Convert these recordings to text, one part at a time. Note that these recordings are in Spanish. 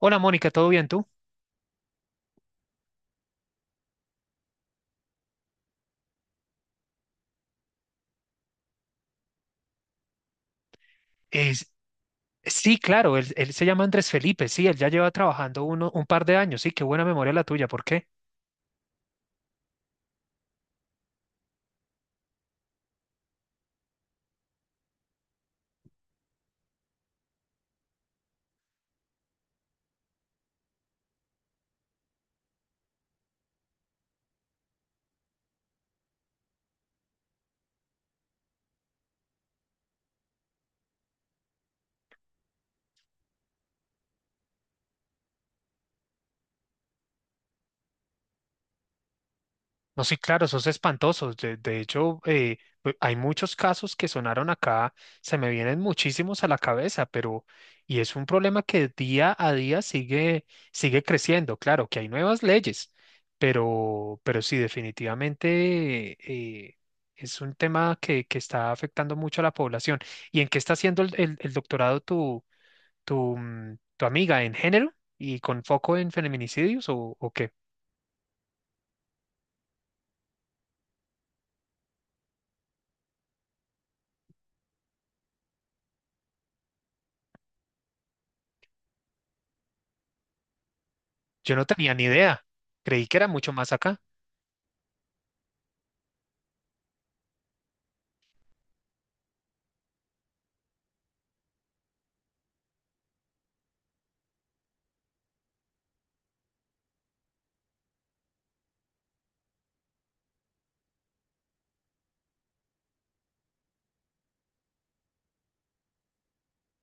Hola Mónica, ¿todo bien tú? Es- sí, claro, él se llama Andrés Felipe, sí, él ya lleva trabajando un par de años, sí, qué buena memoria la tuya, ¿por qué? No, sí, claro, esos espantosos. De hecho, pues, hay muchos casos que sonaron acá, se me vienen muchísimos a la cabeza, pero y es un problema que día a día sigue creciendo. Claro, que hay nuevas leyes, pero sí, definitivamente eh, es un tema que está afectando mucho a la población. ¿Y en qué está haciendo el doctorado tu amiga? ¿En género y con foco en feminicidios o qué? Yo no tenía ni idea. Creí que era mucho más acá.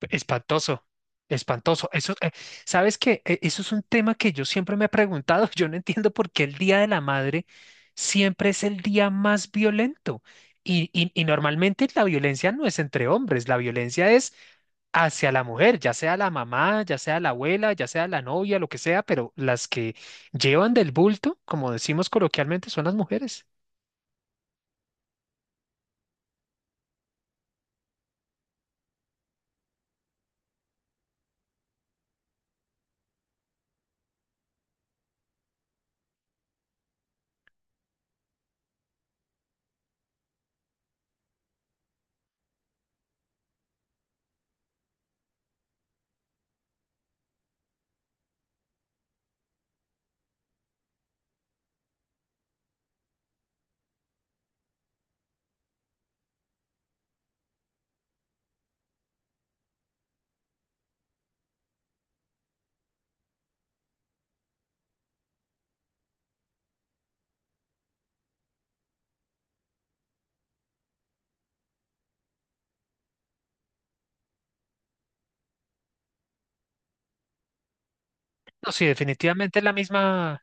Espantoso, espantoso. Eso, ¿sabes qué? Eso es un tema que yo siempre me he preguntado. Yo no entiendo por qué el Día de la Madre siempre es el día más violento. Y normalmente la violencia no es entre hombres, la violencia es hacia la mujer, ya sea la mamá, ya sea la abuela, ya sea la novia, lo que sea, pero las que llevan del bulto, como decimos coloquialmente, son las mujeres. No, sí, definitivamente es la misma.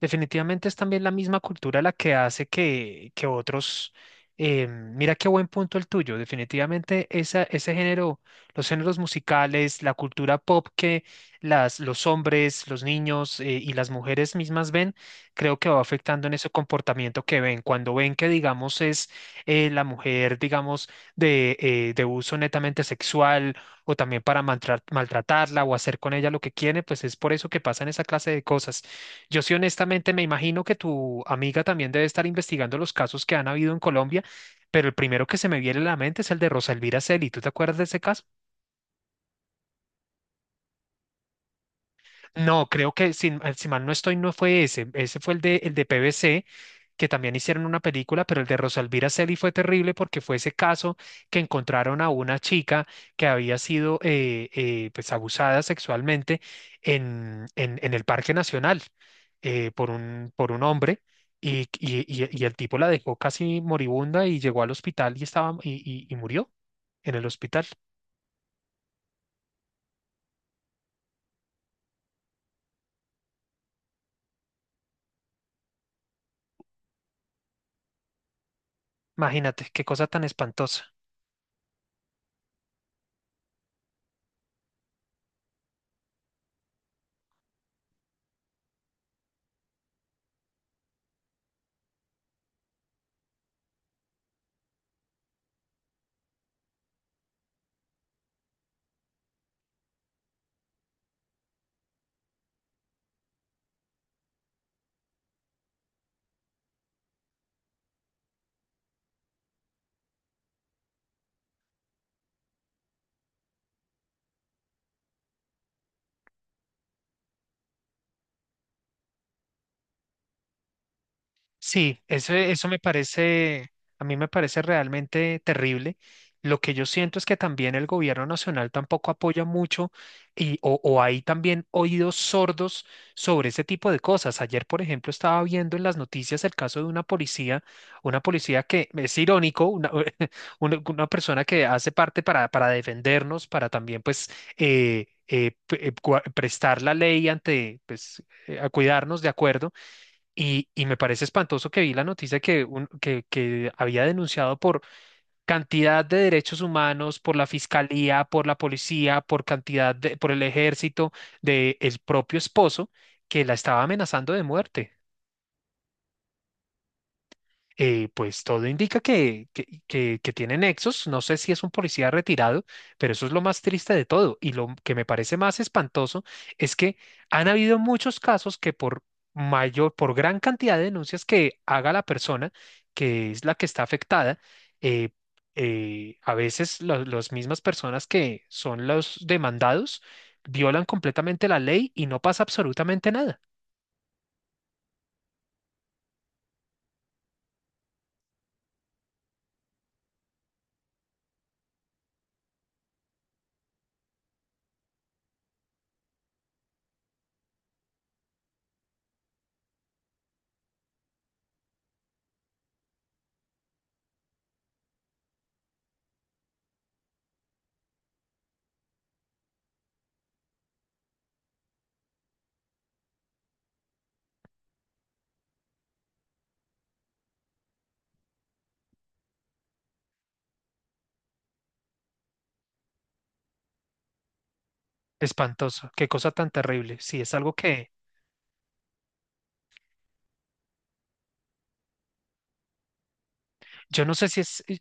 Definitivamente es también la misma cultura la que hace que otros... mira qué buen punto el tuyo. Definitivamente ese género, los géneros musicales, la cultura pop que los hombres, los niños y las mujeres mismas ven, creo que va afectando en ese comportamiento que ven. Cuando ven que, digamos, es la mujer, digamos, de uso netamente sexual o también para maltratarla o hacer con ella lo que quiere, pues es por eso que pasan esa clase de cosas. Yo sí honestamente me imagino que tu amiga también debe estar investigando los casos que han habido en Colombia, pero el primero que se me viene a la mente es el de Rosa Elvira Celi. ¿Tú te acuerdas de ese caso? No, creo que si, si mal no estoy, no fue ese. Ese fue el de PVC, que también hicieron una película, pero el de Rosalvira Sely fue terrible porque fue ese caso que encontraron a una chica que había sido pues abusada sexualmente en el Parque Nacional por por un hombre. Y el tipo la dejó casi moribunda y llegó al hospital y estaba y murió en el hospital. Imagínate, qué cosa tan espantosa. Sí, eso me parece, a mí me parece realmente terrible. Lo que yo siento es que también el gobierno nacional tampoco apoya mucho y, o hay también oídos sordos sobre ese tipo de cosas. Ayer, por ejemplo, estaba viendo en las noticias el caso de una policía que es irónico, una persona que hace parte para defendernos, para también pues prestar la ley ante, pues, a cuidarnos, de acuerdo y me parece espantoso que vi la noticia que había denunciado por cantidad de derechos humanos, por la fiscalía, por la policía, por cantidad de, por el ejército, de el propio esposo que la estaba amenazando de muerte. Pues todo indica que tiene nexos. No sé si es un policía retirado, pero eso es lo más triste de todo. Y lo que me parece más espantoso es que han habido muchos casos que por mayor, por gran cantidad de denuncias que haga la persona, que es la que está afectada, eh, a veces las mismas personas que son los demandados violan completamente la ley y no pasa absolutamente nada. Espantoso, qué cosa tan terrible. Sí, es algo que, yo no sé si es,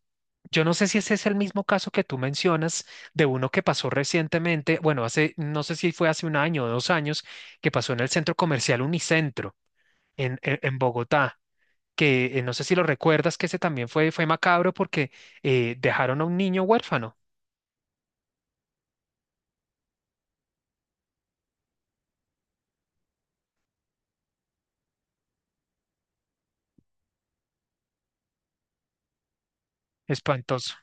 yo no sé si ese es el mismo caso que tú mencionas de uno que pasó recientemente, bueno, hace, no sé si fue hace un año o dos años, que pasó en el centro comercial Unicentro en Bogotá, que no sé si lo recuerdas, que ese también fue, fue macabro porque dejaron a un niño huérfano. Espantoso.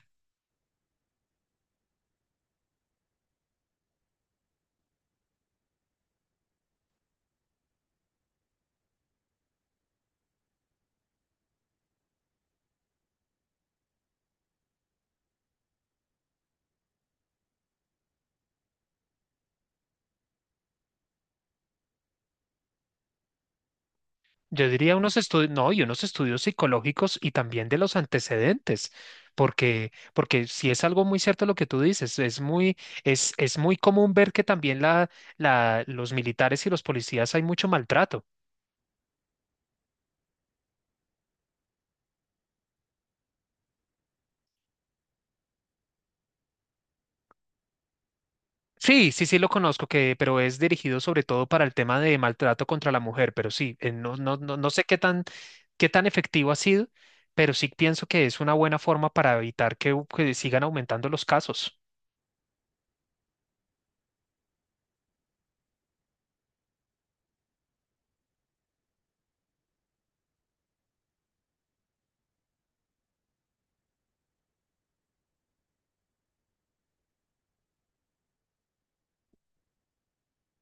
Yo diría unos estudios, no, y unos estudios psicológicos y también de los antecedentes, porque si es algo muy cierto lo que tú dices, es muy, es muy común ver que también los militares y los policías hay mucho maltrato. Sí, sí, sí lo conozco, que, pero es dirigido sobre todo para el tema de maltrato contra la mujer, pero sí, no, no, no, no sé qué tan efectivo ha sido, pero sí pienso que es una buena forma para evitar que sigan aumentando los casos.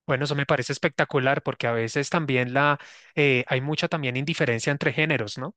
Bueno, eso me parece espectacular porque a veces también la, hay mucha también indiferencia entre géneros, ¿no?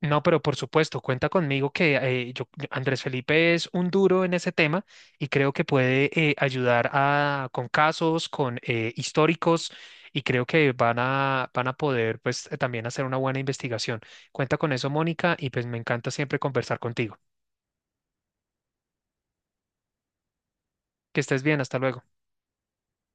No, pero por supuesto, cuenta conmigo que Andrés Felipe es un duro en ese tema y creo que puede ayudar a, con casos, con históricos y creo que van a poder pues también hacer una buena investigación. Cuenta con eso, Mónica, y pues me encanta siempre conversar contigo. Que estés bien, hasta luego.